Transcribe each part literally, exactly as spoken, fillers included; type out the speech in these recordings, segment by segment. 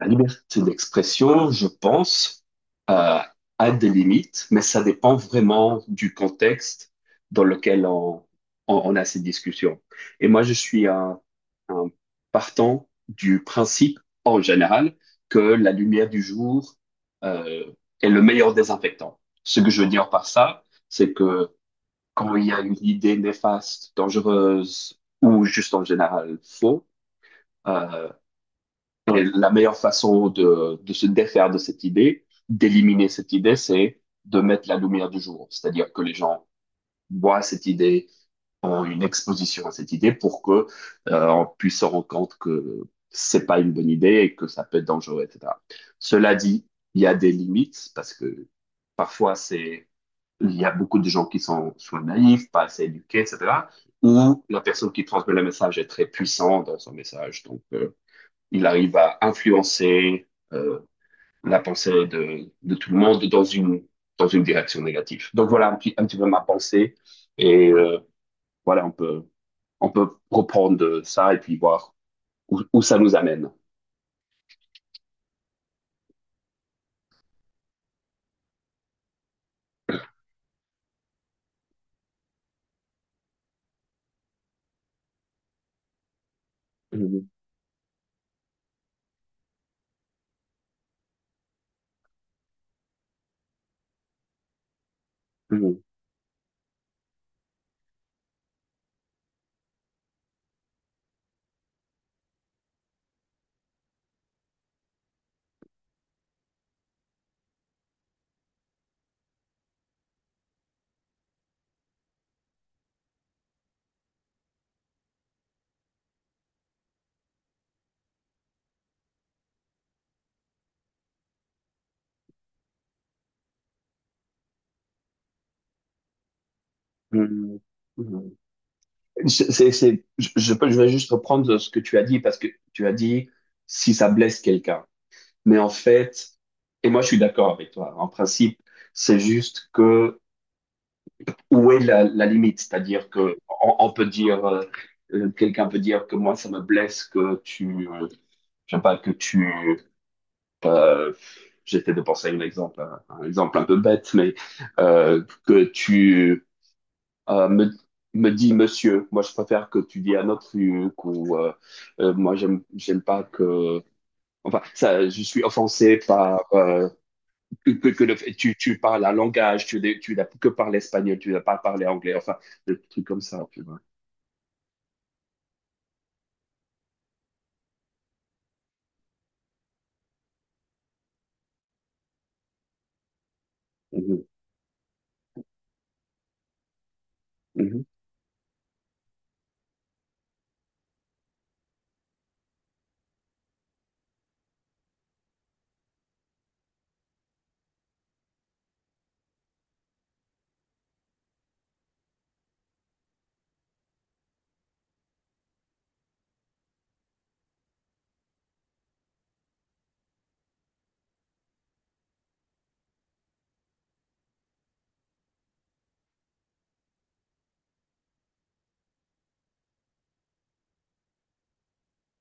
La liberté d'expression, je pense, euh, a des limites, mais ça dépend vraiment du contexte dans lequel on, on- on a ces discussions. Et moi, je suis un, un partant du principe, en général, que la lumière du jour, euh, est le meilleur désinfectant. Ce que je veux dire par ça, c'est que quand il y a une idée néfaste, dangereuse ou juste en général faux, euh, et la meilleure façon de, de se défaire de cette idée, d'éliminer cette idée, c'est de mettre la lumière du jour. C'est-à-dire que les gens voient cette idée, ont une exposition à cette idée pour que euh, on puisse se rendre compte que c'est pas une bonne idée et que ça peut être dangereux, et cetera. Cela dit, il y a des limites parce que parfois c'est il y a beaucoup de gens qui sont soit naïfs, pas assez éduqués, et cetera. Ou la personne qui transmet le message est très puissante dans son message. Donc, euh, il arrive à influencer euh, la pensée de, de tout le monde dans une, dans une direction négative. Donc voilà un petit, un petit peu ma pensée. Et euh, voilà, on peut, on peut reprendre ça et puis voir où, où ça nous amène. Mhm, mhm, mhm, mhm. C'est, c'est, c'est- je, je peux, je vais juste reprendre ce que tu as dit parce que tu as dit si ça blesse quelqu'un. Mais en fait, et moi je suis d'accord avec toi, en principe, c'est juste que où est la, la limite? C'est-à-dire que on, on peut dire, euh, euh, quelqu'un peut dire que moi, ça me blesse que tu, euh, je sais pas, que tu, euh, j'essaie de penser à un exemple, hein, un exemple un peu bête, mais euh, que tu euh, me, me dis monsieur. Moi, je préfère que tu dis un autre truc ou euh, euh, moi, j'aime, j'aime pas que, enfin, ça, je suis offensé par euh, que, que que le tu, tu parles un langage, tu, n'as- tu n'as que parlé espagnol, tu n'as pas parlé anglais, enfin, des trucs comme ça, tu vois. Mhm, mhm.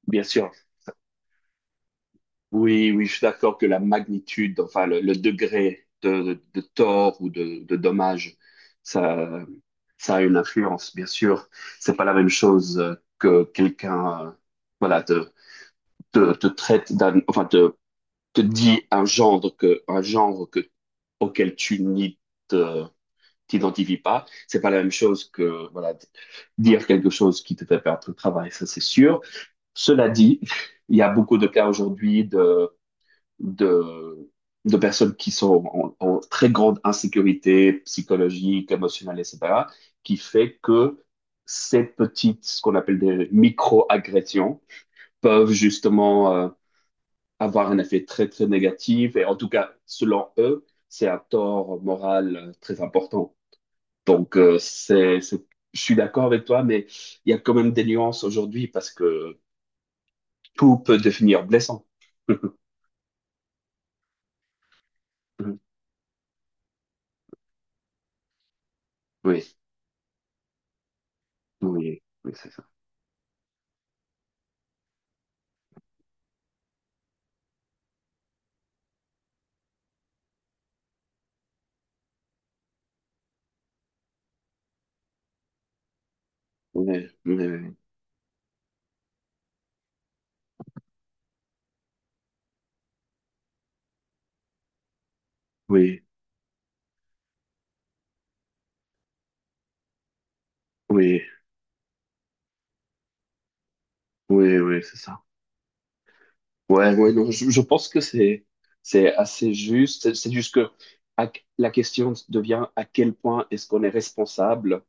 Bien sûr. Oui, oui, je suis d'accord que la magnitude, enfin, le, le degré de, de, de tort ou de, de dommage, ça, ça a une influence, bien sûr. C'est pas la même chose euh, que quelqu'un, euh, voilà, te, te, te traite d'un, enfin, te, te dit un genre que, un genre que, auquel tu n'y te, t'identifies pas. C'est pas la même chose que voilà dire quelque chose qui te fait perdre ton travail, ça c'est sûr. Cela dit, il y a beaucoup de cas aujourd'hui de de de personnes qui sont en, en très grande insécurité psychologique, émotionnelle, et cetera, qui fait que ces petites, ce qu'on appelle des micro-agressions, peuvent justement euh, avoir un effet très très négatif. Et en tout cas, selon eux, c'est un tort moral euh, très important. Donc, euh, c'est, c'est- je suis d'accord avec toi, mais il y a quand même des nuances aujourd'hui parce que tout peut devenir blessant. Oui, oui, oui, c'est ça. Oui, oui, oui, oui, oui, oui, c'est ça. Ouais, ouais, non, je, je pense que c'est, c'est assez juste. C'est c'est juste que à- la question devient à quel point est-ce qu'on est responsable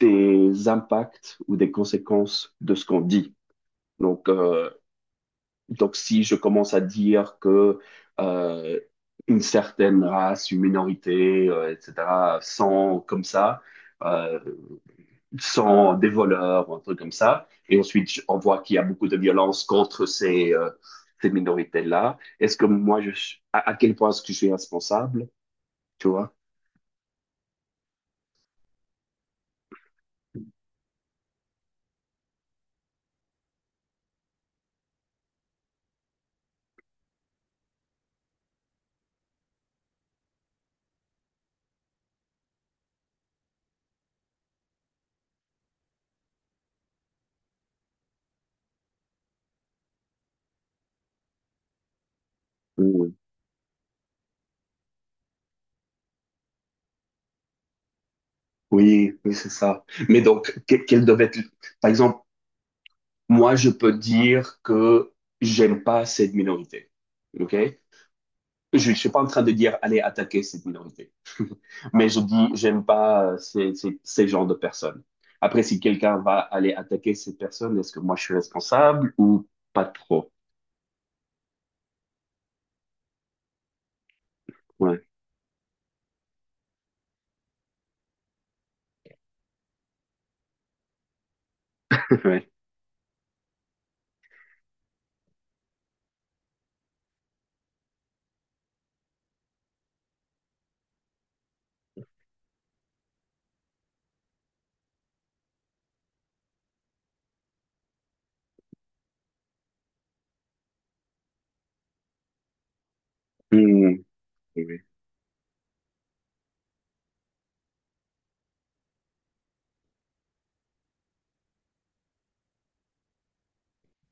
des impacts ou des conséquences de ce qu'on dit. Donc, euh, Donc, si je commence à dire que euh, une certaine race, une minorité, euh, et cetera, sont comme ça, euh, sont des voleurs, ou un truc comme ça, et ensuite je- on voit qu'il y a beaucoup de violence contre ces, euh, ces minorités-là, est-ce que moi, je, suis- à, à quel point est-ce que je suis responsable, tu vois? Oui, oui, oui, c'est ça. Mais donc, que- quelle devait être... Par exemple, moi, je peux dire que j'aime pas cette minorité. OK? Je ne suis pas en train de dire allez attaquer cette minorité, mais je dis j'aime pas euh, ces, ces, ces genres de personnes. Après, si quelqu'un va aller attaquer cette personne, est-ce que moi je suis responsable ou pas trop? Ouais, ouais. Mmh.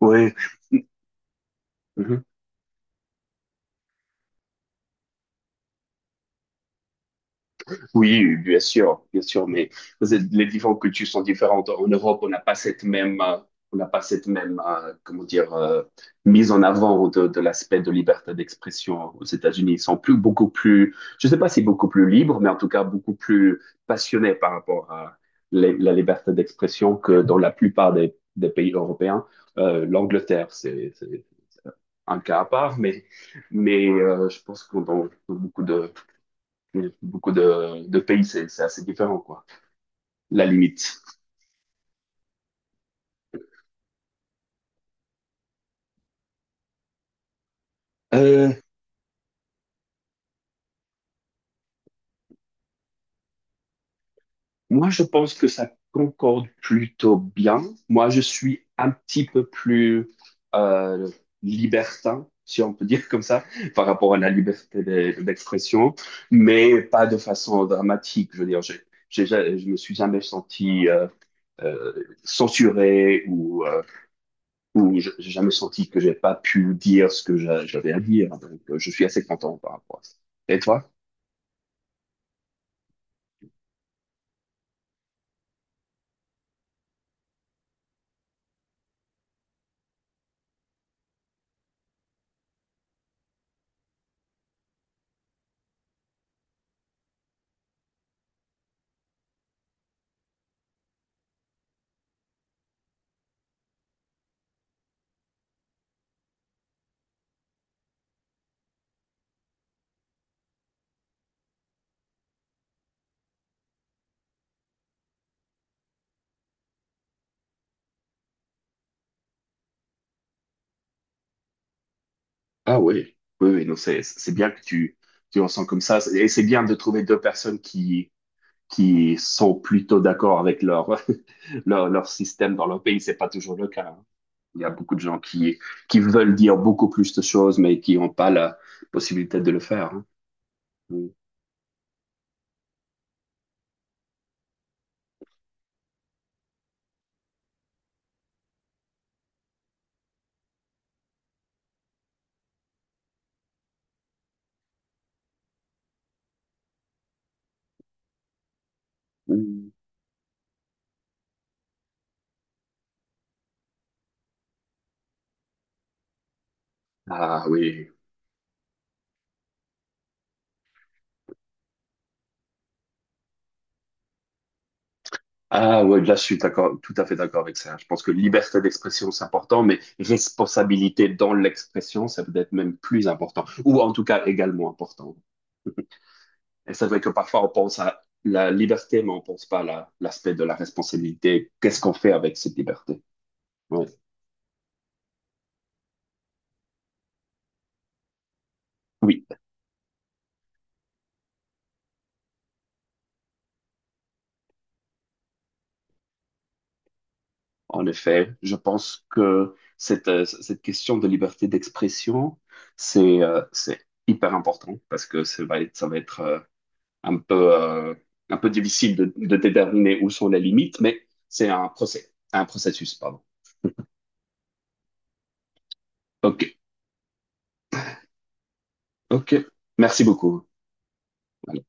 Oui, oui. Oui, bien sûr, bien sûr, mais c'est- les différentes cultures sont différentes. En Europe, on n'a pas cette même, euh, on n'a pas cette même, euh, comment dire, euh, mise en avant de, de l'aspect de liberté d'expression. Aux États-Unis, ils sont plus, beaucoup plus, je ne sais pas si beaucoup plus libres, mais en tout cas beaucoup plus passionnés par rapport à la la liberté d'expression que dans la plupart des, des pays européens. Euh, l'Angleterre, c'est, c'est un cas à part, mais, mais euh, je pense que dans dans beaucoup de beaucoup de, de pays, c'est c'est assez différent, quoi. La limite. Euh, Moi, je pense que ça concorde plutôt bien. Moi, je suis un petit peu plus euh, libertin, si on peut dire comme ça, par rapport à la liberté de- d'expression, mais pas de façon dramatique. Je veux dire, j'ai, j'ai ja- je me suis jamais senti euh, euh, censuré ou euh, où je- j'ai jamais senti que j'ai pas pu dire ce que j'a- j'avais à dire. Donc, euh, je suis assez content par rapport à ça. Et toi? Ah oui, oui, oui, non, c'est c'est bien que tu tu ressens comme ça. Et c'est bien de trouver deux personnes qui qui sont plutôt d'accord avec leur leur leur système dans leur pays. C'est pas toujours le cas, hein. Il y a beaucoup de gens qui, qui veulent dire beaucoup plus de choses, mais qui n'ont pas la possibilité de le faire, hein. Mm. Mm. Ah oui. Ah oui, là, je suis d'accord, tout à fait d'accord avec ça. Je pense que liberté d'expression, c'est important, mais responsabilité dans l'expression, c'est peut-être même plus important, ou en tout cas également important. Et c'est vrai que parfois, on pense à la liberté, mais on pense pas à la- l'aspect de la responsabilité. Qu'est-ce qu'on fait avec cette liberté? Ouais. Oui. En effet, je pense que cette, euh, cette question de liberté d'expression, c'est euh, c'est hyper important parce que ça va être, ça va être euh, un peu, euh, un peu difficile de, de déterminer où sont les limites, mais c'est un procès, un processus, pardon. OK, OK. Merci beaucoup. Voilà.